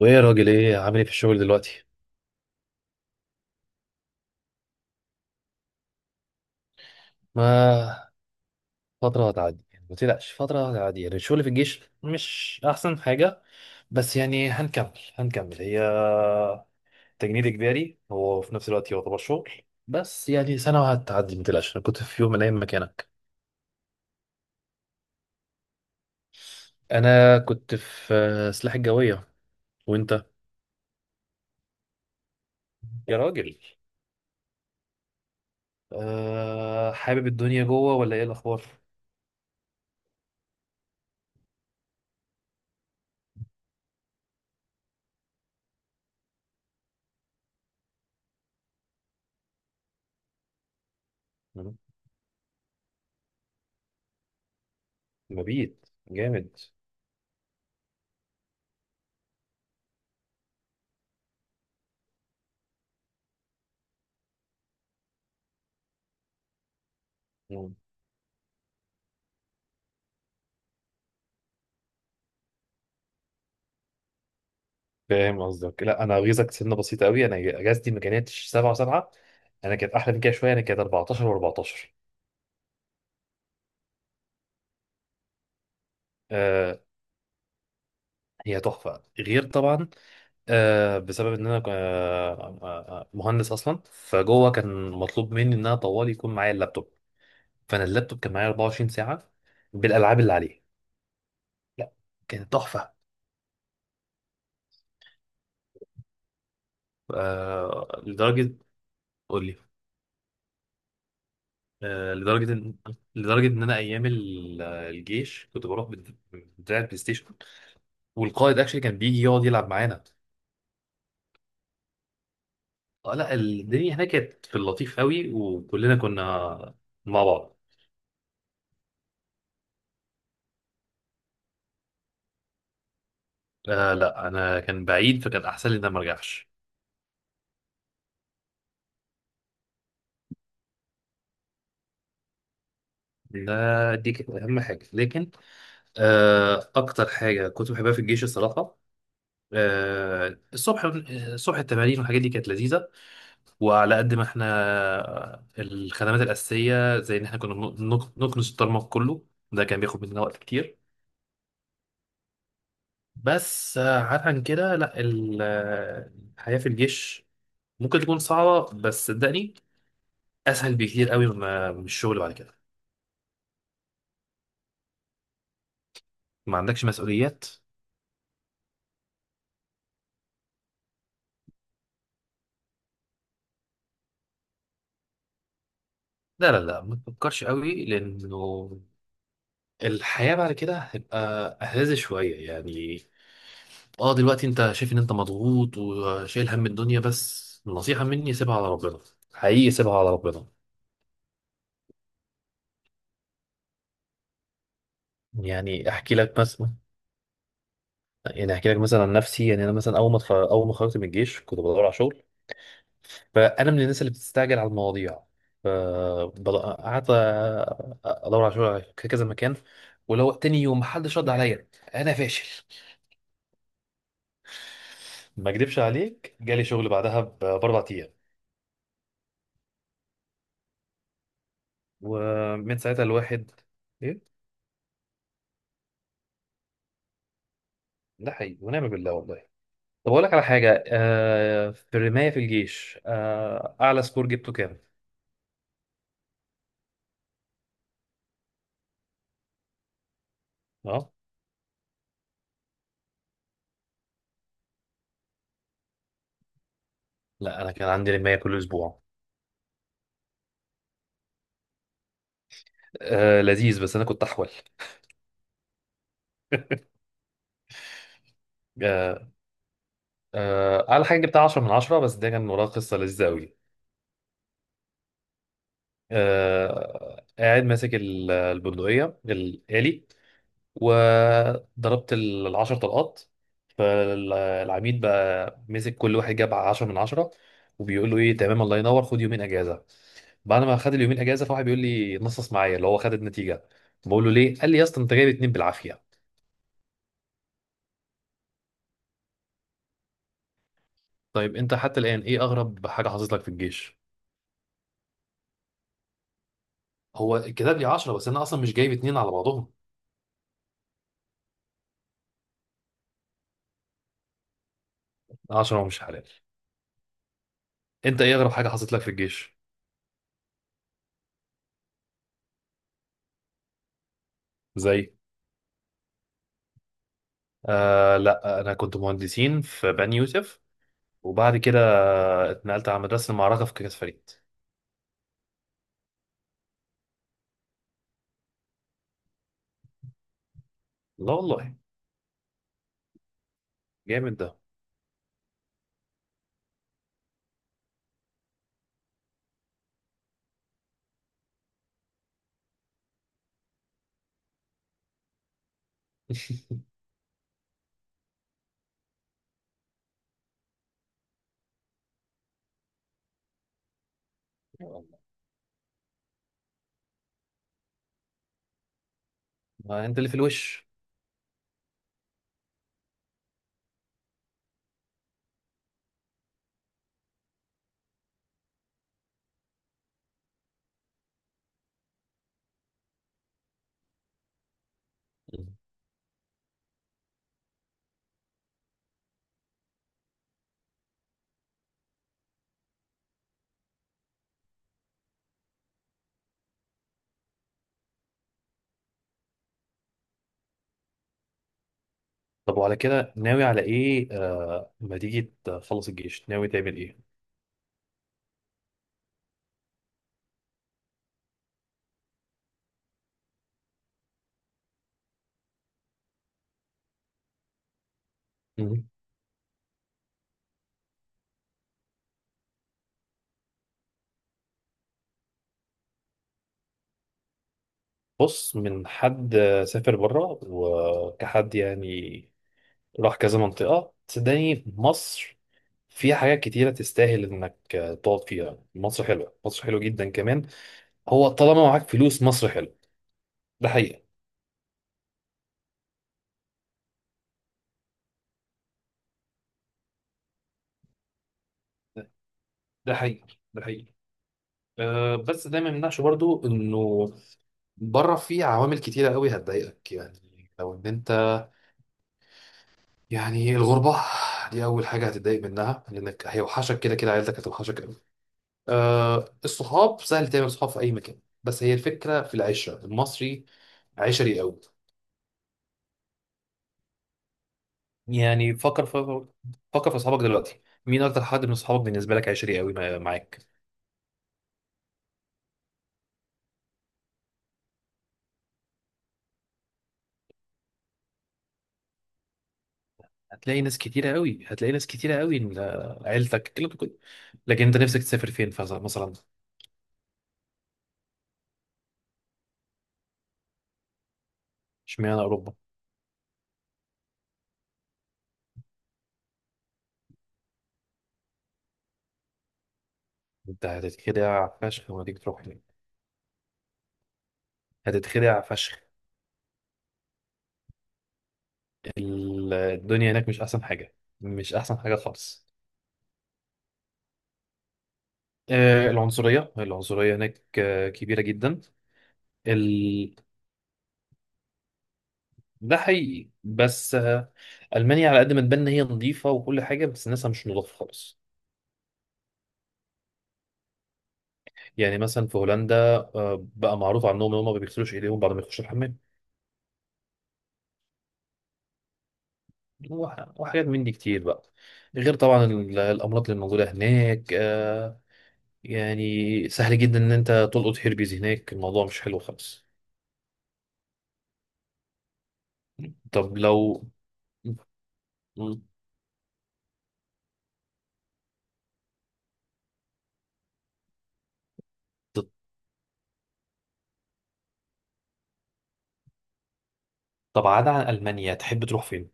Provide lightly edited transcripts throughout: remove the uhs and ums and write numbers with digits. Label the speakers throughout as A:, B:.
A: وايه يا راجل، ايه؟ عامل ايه في الشغل دلوقتي؟ ما فتره هتعدي يعني، ما تقلقش، فتره هتعدي يعني. الشغل في الجيش مش احسن حاجه، بس يعني هنكمل هي تجنيد اجباري، هو في نفس الوقت يعتبر شغل. بس يعني سنه وهتعدي، ما تقلقش. انا كنت في يوم من الايام مكانك. انا كنت في سلاح الجويه. وانت؟ يا راجل، أه، حابب الدنيا جوه ولا ايه الاخبار؟ مم. مبيت. جامد. فاهم قصدك. لا، انا غيظك، سنه بسيطه قوي. انا اجازتي ما كانتش 7 و7. انا كانت احلى من كده شويه، انا كانت 14 و14. آه، هي تحفه غير طبعا. آه، بسبب ان انا مهندس اصلا، فجوه كان مطلوب مني ان انا طوال يكون معايا اللابتوب. فانا اللابتوب كان معايا 24 ساعه بالالعاب اللي عليه. لا، كانت تحفه. آه لدرجه. قول لي. آه لدرجه ان انا ايام الجيش كنت بروح بدراع البلاي ستيشن، والقائد اكشلي كان بيجي يقعد يلعب معانا. اه، لا الدنيا هناك كانت في اللطيف قوي، وكلنا كنا مع بعض. آه، لا انا كان بعيد فكان احسن لي ان انا ما ارجعش. ده دي كانت اهم حاجه، لكن آه، اكتر حاجه كنت بحبها في الجيش الصراحه، آه الصبح. الصبح التمارين والحاجات دي كانت لذيذه. وعلى قد ما احنا، الخدمات الاساسيه، زي ان احنا كنا بنكنس الطرمق كله. ده كان بياخد مننا وقت كتير. بس عاد عن كده. لا الحياة في الجيش ممكن تكون صعبة، بس صدقني، أسهل بكتير قوي من الشغل بعد كده. ما عندكش مسؤوليات. لا لا لا، ما تفكرش قوي، لأنه الحياة بعد كده هتبقى أهز شوية يعني. اه دلوقتي انت شايف ان انت مضغوط وشايل هم الدنيا، بس النصيحة مني سيبها على ربنا. حقيقي، سيبها على ربنا. يعني احكي لك مثلا، يعني احكي لك مثلا عن نفسي، يعني انا مثلا اول ما اول ما خرجت من الجيش كنت بدور على شغل. فانا من الناس اللي بتستعجل على المواضيع. ف- قعدت ادور على شغل في كذا مكان، ولو تاني يوم محدش رد عليا، انا فاشل. ما اكدبش عليك، جالي شغل بعدها باربع ايام. ومن ساعتها الواحد... ايه؟ ده حقيقي، ونعم بالله والله. طب اقول لك على حاجه، آه في الرمايه في الجيش، آه اعلى سكور جبته كام؟ اه لا، انا كان عندي رمايه كل اسبوع. آه لذيذ، بس انا كنت احول. آه، آه اعلى حاجه جبتها 10 من 10، بس ده كان وراه قصه لذيذه قوي. قاعد ماسك البندقية الآلي، وضربت العشر طلقات. فالعميد بقى مسك كل واحد جاب عشرة من عشرة، وبيقول له: ايه تمام، الله ينور، خد يومين اجازه. بعد ما خد اليومين اجازه، فواحد بيقول لي: نصص معايا، اللي هو خد النتيجه. بقول له: ليه؟ قال لي: يا اسطى انت جايب اتنين بالعافيه. طيب انت حتى الان، ايه اغرب حاجه حصلت لك في الجيش؟ هو كتب لي 10، بس انا اصلا مش جايب اتنين على بعضهم. 10 ومش حلال. انت ايه اغرب حاجه حصلت لك في الجيش؟ زي... آه لا، انا كنت مهندسين في بني يوسف، وبعد كده اتنقلت على مدرسه المعركه في كاس فريد. لا والله. جامد ده. لا والله. ما انت اللي في الوش. طب وعلى كده ناوي على ايه؟ آه، ما تيجي تخلص الجيش ناوي تعمل ايه؟ مم. بص، من حد سافر بره وكحد يعني، راح كذا منطقه، صدقني مصر فيها حاجات كتيرة تستاهل إنك تقعد فيها. مصر حلوة، مصر حلوة جدا كمان، هو طالما معاك فلوس مصر حلوة. ده حقيقة. ده حقيقة. ده حقيقة. أه بس ده ما يمنعش برضو انه بره في عوامل كتيرة قوي هتضايقك، يعني لو ان انت... يعني الغربة دي اول حاجة هتتضايق منها، لانك هيوحشك كده كده عيلتك، هتوحشك قوي. أه، الصحاب سهل تعمل صحاب في اي مكان، بس هي الفكرة في العشرة المصري، عشري قوي. يعني فكر في، فكر في اصحابك دلوقتي، مين اكتر حد من اصحابك بالنسبة لك عشري قوي معاك؟ هتلاقي ناس كتيرة قوي، هتلاقي ناس كتيرة قوي عيلتك، الكلام ده كله. لكن انت نفسك تسافر فين؟ مثلا. اشمعنى اوروبا؟ انت هتتخدع فشخ لما تيجي تروح هناك، هتتخدع فشخ. الدنيا هناك مش احسن حاجة، مش احسن حاجة خالص. العنصرية، العنصرية هناك كبيرة جدا. ال... ده حقيقي، بس ألمانيا على قد ما تبان إن هي نظيفة وكل حاجة، بس ناسها مش نضاف خالص. يعني مثلا في هولندا، بقى معروف عنهم إن هم ما بيغسلوش إيديهم بعد ما يخشوا الحمام. وحاجات من دي كتير بقى. غير طبعا الامراض اللي موجوده هناك، يعني سهل جدا ان انت تلقط هيربيز هناك، الموضوع مش حلو خالص. طب لو... ط- طب عدا عن المانيا تحب تروح فين؟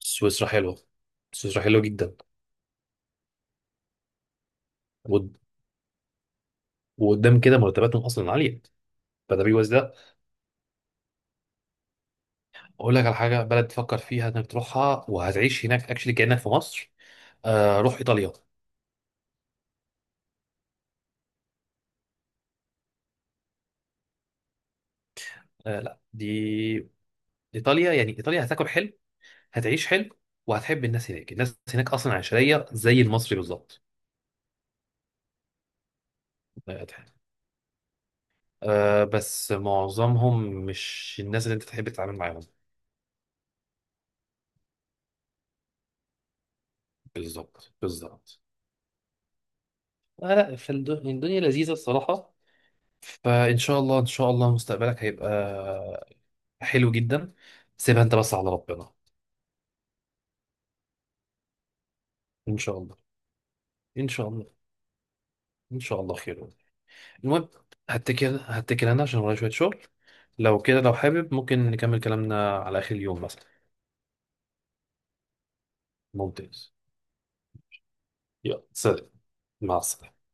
A: سويسرا حلوه، سويسرا حلوه جدا. ود- وقدام كده مرتباتهم اصلا عاليه، فده بيوز ده. اقول لك على حاجه، بلد تفكر فيها انك تروحها وهتعيش هناك اكشلي كانك في مصر: روح ايطاليا. لا دي... ايطاليا، يعني ايطاليا هتاكل حلو، هتعيش حلو، وهتحب الناس هناك. الناس هناك اصلا عشريه زي المصري بالظبط. أه بس معظمهم مش الناس اللي انت تحب تتعامل معاهم. بالظبط، بالظبط. لا لا، فالدنيا لذيذه الصراحه. فان شاء الله، ان شاء الله مستقبلك هيبقى حلو جدا. سيبها انت بس على ربنا. ان شاء الله. ان شاء الله. ان شاء الله خير. المهم، هتكل انا عشان ورايا شويه شغل. لو كده، لو حابب ممكن نكمل كلامنا على اخر اليوم مثلا. ممتاز. يلا سلام. مع السلامة.